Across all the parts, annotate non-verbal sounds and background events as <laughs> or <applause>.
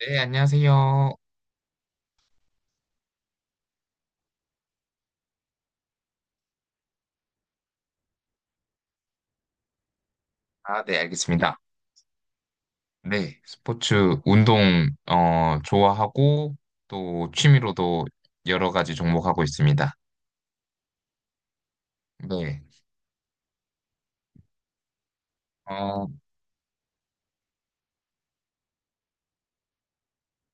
네, 안녕하세요. 아, 네, 알겠습니다. 네, 스포츠, 운동, 좋아하고, 또 취미로도 여러 가지 종목하고 있습니다. 네, 어,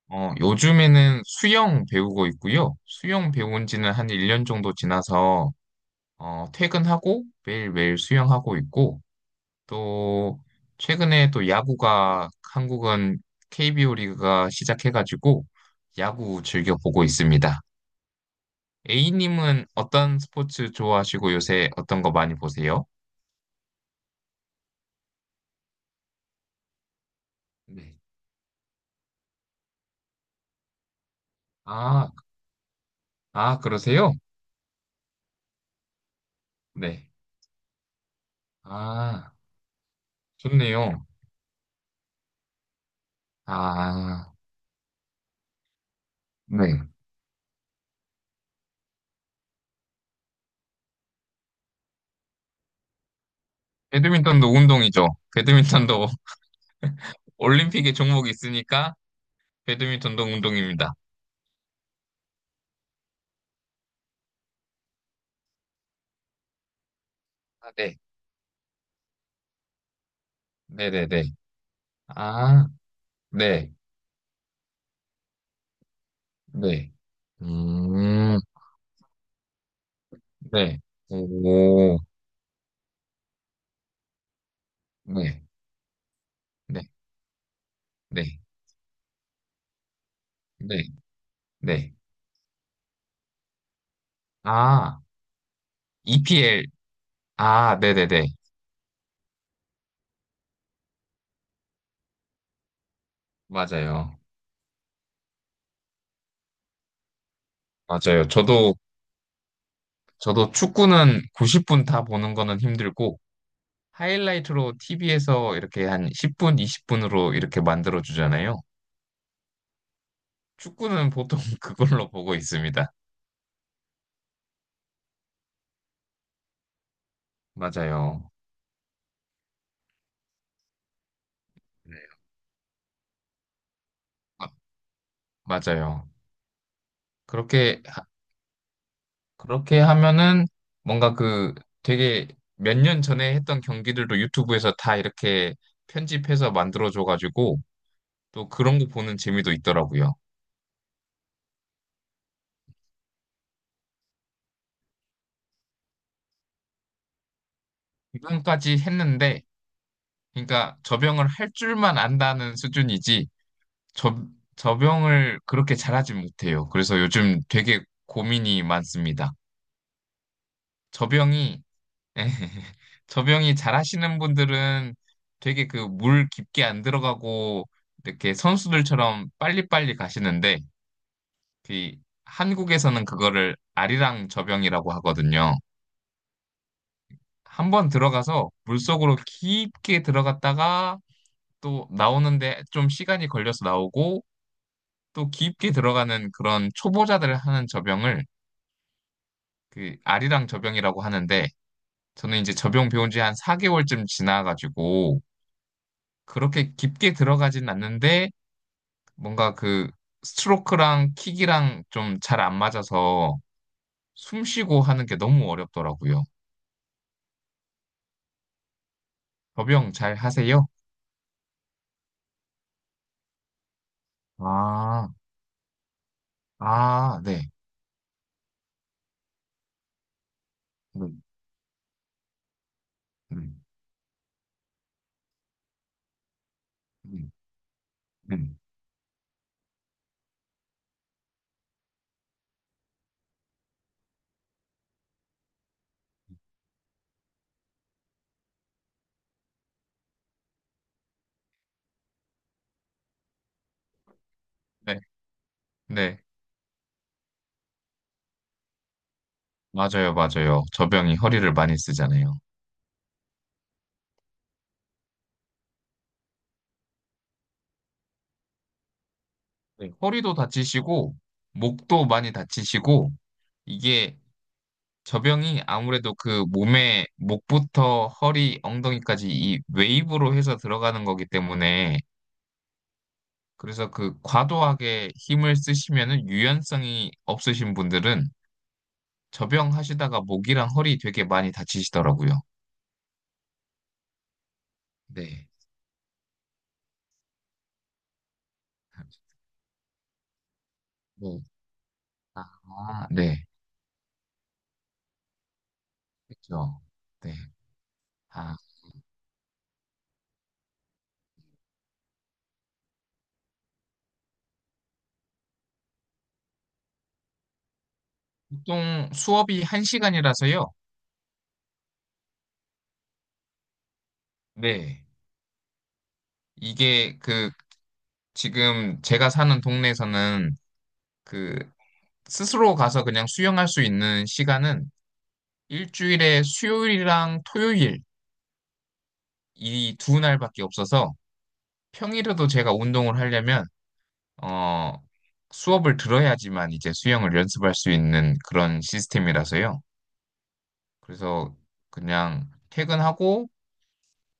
요즘에는 수영 배우고 있고요. 수영 배운 지는 한 1년 정도 지나서, 퇴근하고 매일매일 수영하고 있고, 또, 최근에 또 야구가, 한국은 KBO 리그가 시작해가지고, 야구 즐겨 보고 있습니다. A님은 어떤 스포츠 좋아하시고 요새 어떤 거 많이 보세요? 네. 아, 아, 그러세요? 네. 아, 좋네요. 아, 네. 배드민턴도 운동이죠. 배드민턴도 <laughs> 올림픽에 종목이 있으니까 배드민턴도 운동입니다. 아, 네. 네네네. 아, 네. 네. 음, 네. 오, 네. 네. 네. 네. 네. 아, EPL. 아, 네네네. 맞아요. 맞아요. 저도 축구는 90분 다 보는 거는 힘들고, 하이라이트로 TV에서 이렇게 한 10분, 20분으로 이렇게 만들어 주잖아요. 축구는 보통 <laughs> 그걸로 보고 있습니다. 맞아요. 네. 아, 맞아요. 그렇게, 하- 그렇게 하면은 뭔가 그 되게 몇 년 전에 했던 경기들도 유튜브에서 다 이렇게 편집해서 만들어 줘가지고, 또 그런 거 보는 재미도 있더라고요. 지금까지 했는데, 그러니까 접영을 할 줄만 안다는 수준이지 접, 접영을 그렇게 잘하지 못해요. 그래서 요즘 되게 고민이 많습니다. 접영이 <laughs> 접영이 잘하시는 분들은 되게 그 물 깊게 안 들어가고 이렇게 선수들처럼 빨리빨리 가시는데 그 한국에서는 그거를 아리랑 접영이라고 하거든요. 한 번 들어가서 물속으로 깊게 들어갔다가 또 나오는데 좀 시간이 걸려서 나오고 또 깊게 들어가는 그런 초보자들 하는 접영을 그 아리랑 접영이라고 하는데 저는 이제 접영 배운 지 한 4개월쯤 지나가지고 그렇게 깊게 들어가진 않는데 뭔가 그 스트로크랑 킥이랑 좀 잘 안 맞아서 숨 쉬고 하는 게 너무 어렵더라고요. 접영 잘 하세요? 아, 아, 네. 음, 음, 음, 음. 네, 네. 맞아요, 맞아요. 접영이 허리를 많이 쓰잖아요. 네. 허리도 다치시고, 목도 많이 다치시고, 이게 저병이 아무래도 그 몸에 목부터 허리, 엉덩이까지 이 웨이브로 해서 들어가는 거기 때문에, 그래서 그 과도하게 힘을 쓰시면은 유연성이 없으신 분들은 저병 하시다가 목이랑 허리 되게 많이 다치시더라고요. 네. 네. 아, 네. 그렇죠. 네. 아, 보통 수업이 한시간이라서요. 네. 이게 그 지금 제가 사는 동네에서는 그 스스로 가서 그냥 수영할 수 있는 시간은 일주일에 수요일이랑 토요일 이 두 날밖에 없어서 평일에도 제가 운동을 하려면 어 수업을 들어야지만 이제 수영을 연습할 수 있는 그런 시스템이라서요. 그래서 그냥 퇴근하고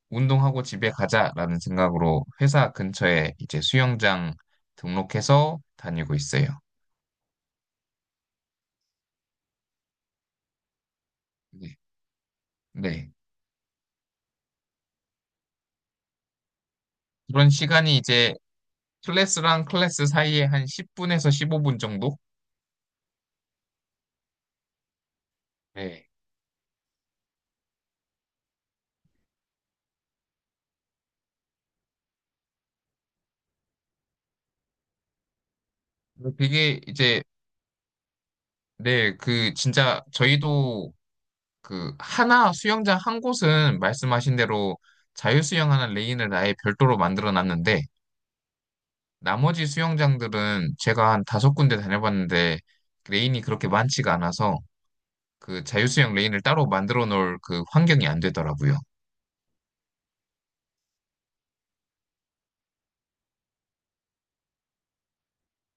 운동하고 집에 가자라는 생각으로 회사 근처에 이제 수영장 등록해서 다니고 있어요. 네. 네. 그런 시간이 이제 클래스랑 클래스 사이에 한 10분에서 15분 정도? 네. 근데 그게 이제, 네, 그, 진짜, 저희도 그, 하나 수영장 한 곳은 말씀하신 대로 자유수영하는 레인을 아예 별도로 만들어 놨는데, 나머지 수영장들은 제가 한 다섯 군데 다녀봤는데, 레인이 그렇게 많지가 않아서, 그 자유수영 레인을 따로 만들어 놓을 그 환경이 안 되더라고요.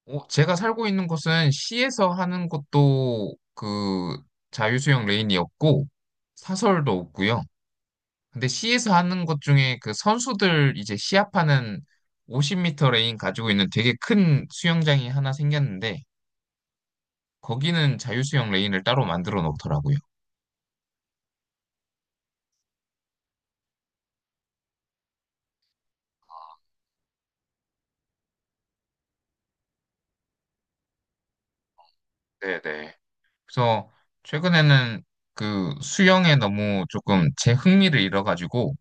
제가 살고 있는 곳은 시에서 하는 것도 그 자유수영 레인이 없고 사설도 없고요. 근데 시에서 하는 것 중에 그 선수들 이제 시합하는 5 0터 레인 가지고 있는 되게 큰 수영장이 하나 생겼는데 거기는 자유수영 레인을 따로 만들어 놓더라고요. 네네. 그래서 최근에는 그 수영에 너무 조금 제 흥미를 잃어가지고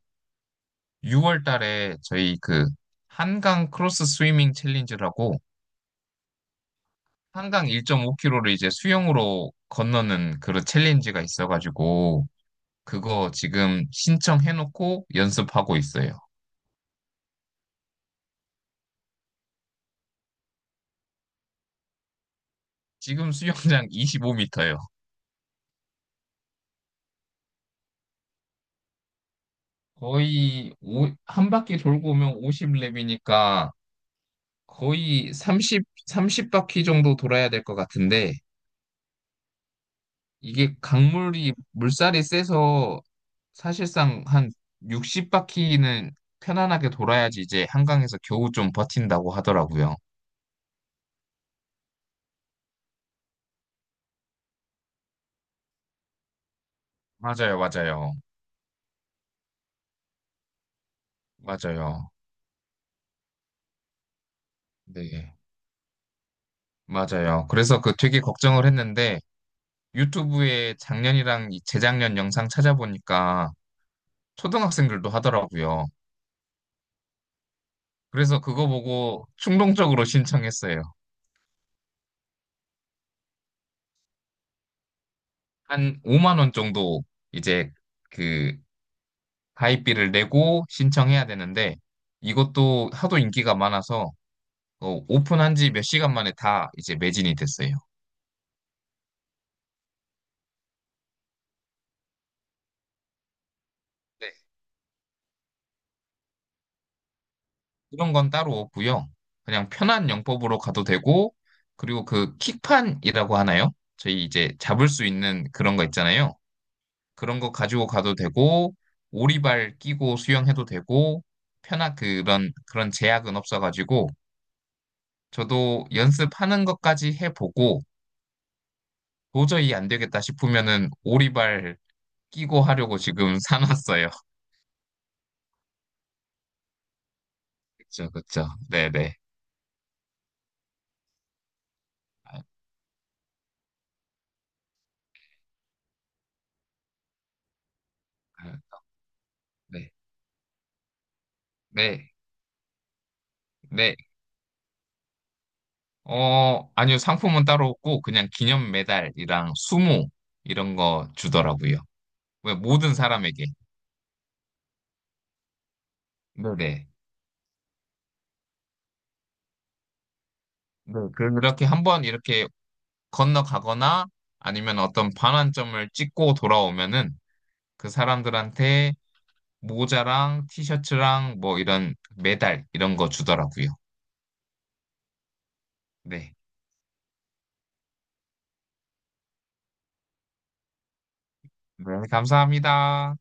6월 달에 저희 그 한강 크로스 스위밍 챌린지라고 한강 1.5km를 이제 수영으로 건너는 그런 챌린지가 있어가지고, 그거 지금 신청해놓고 연습하고 있어요. 지금 수영장 <laughs> 25m예요. 한 바퀴 돌고 오면 50랩이니까 거의 30바퀴 정도 돌아야 될 것 같은데, 이게 강물이, 물살이 세서 사실상 한 60바퀴는 편안하게 돌아야지 이제 한강에서 겨우 좀 버틴다고 하더라고요. 맞아요, 맞아요. 맞아요. 네, 맞아요. 그래서 그 되게 걱정을 했는데 유튜브에 작년이랑 이 재작년 영상 찾아보니까 초등학생들도 하더라고요. 그래서 그거 보고 충동적으로 신청했어요. 한 5만 원 정도 이제 그 가입비를 내고 신청해야 되는데 이것도 하도 인기가 많아서 오픈한 지 몇 시간 만에 다 이제 매진이 됐어요. 이런 건 따로 없고요. 그냥 편한 영법으로 가도 되고, 그리고 그 킥판이라고 하나요? 저희 이제 잡을 수 있는 그런 거 있잖아요. 그런 거 가지고 가도 되고, 오리발 끼고 수영해도 되고, 편한 그런, 그런 제약은 없어가지고, 저도 연습하는 것까지 해보고, 도저히 안 되겠다 싶으면은 오리발 끼고 하려고 지금 <laughs> 사놨어요. 그쵸, 그쵸. 네네. 아, 아, 네. 네. 네. 아니요. 상품은 따로 없고 그냥 기념 메달이랑 수모 이런 거 주더라고요. 왜 모든 사람에게. 네네. 네. 그렇게 한번 이렇게 건너가거나 아니면 어떤 반환점을 찍고 돌아오면은 그 사람들한테 모자랑 티셔츠랑 뭐 이런 메달 이런 거 주더라고요. 네. 네, 감사합니다.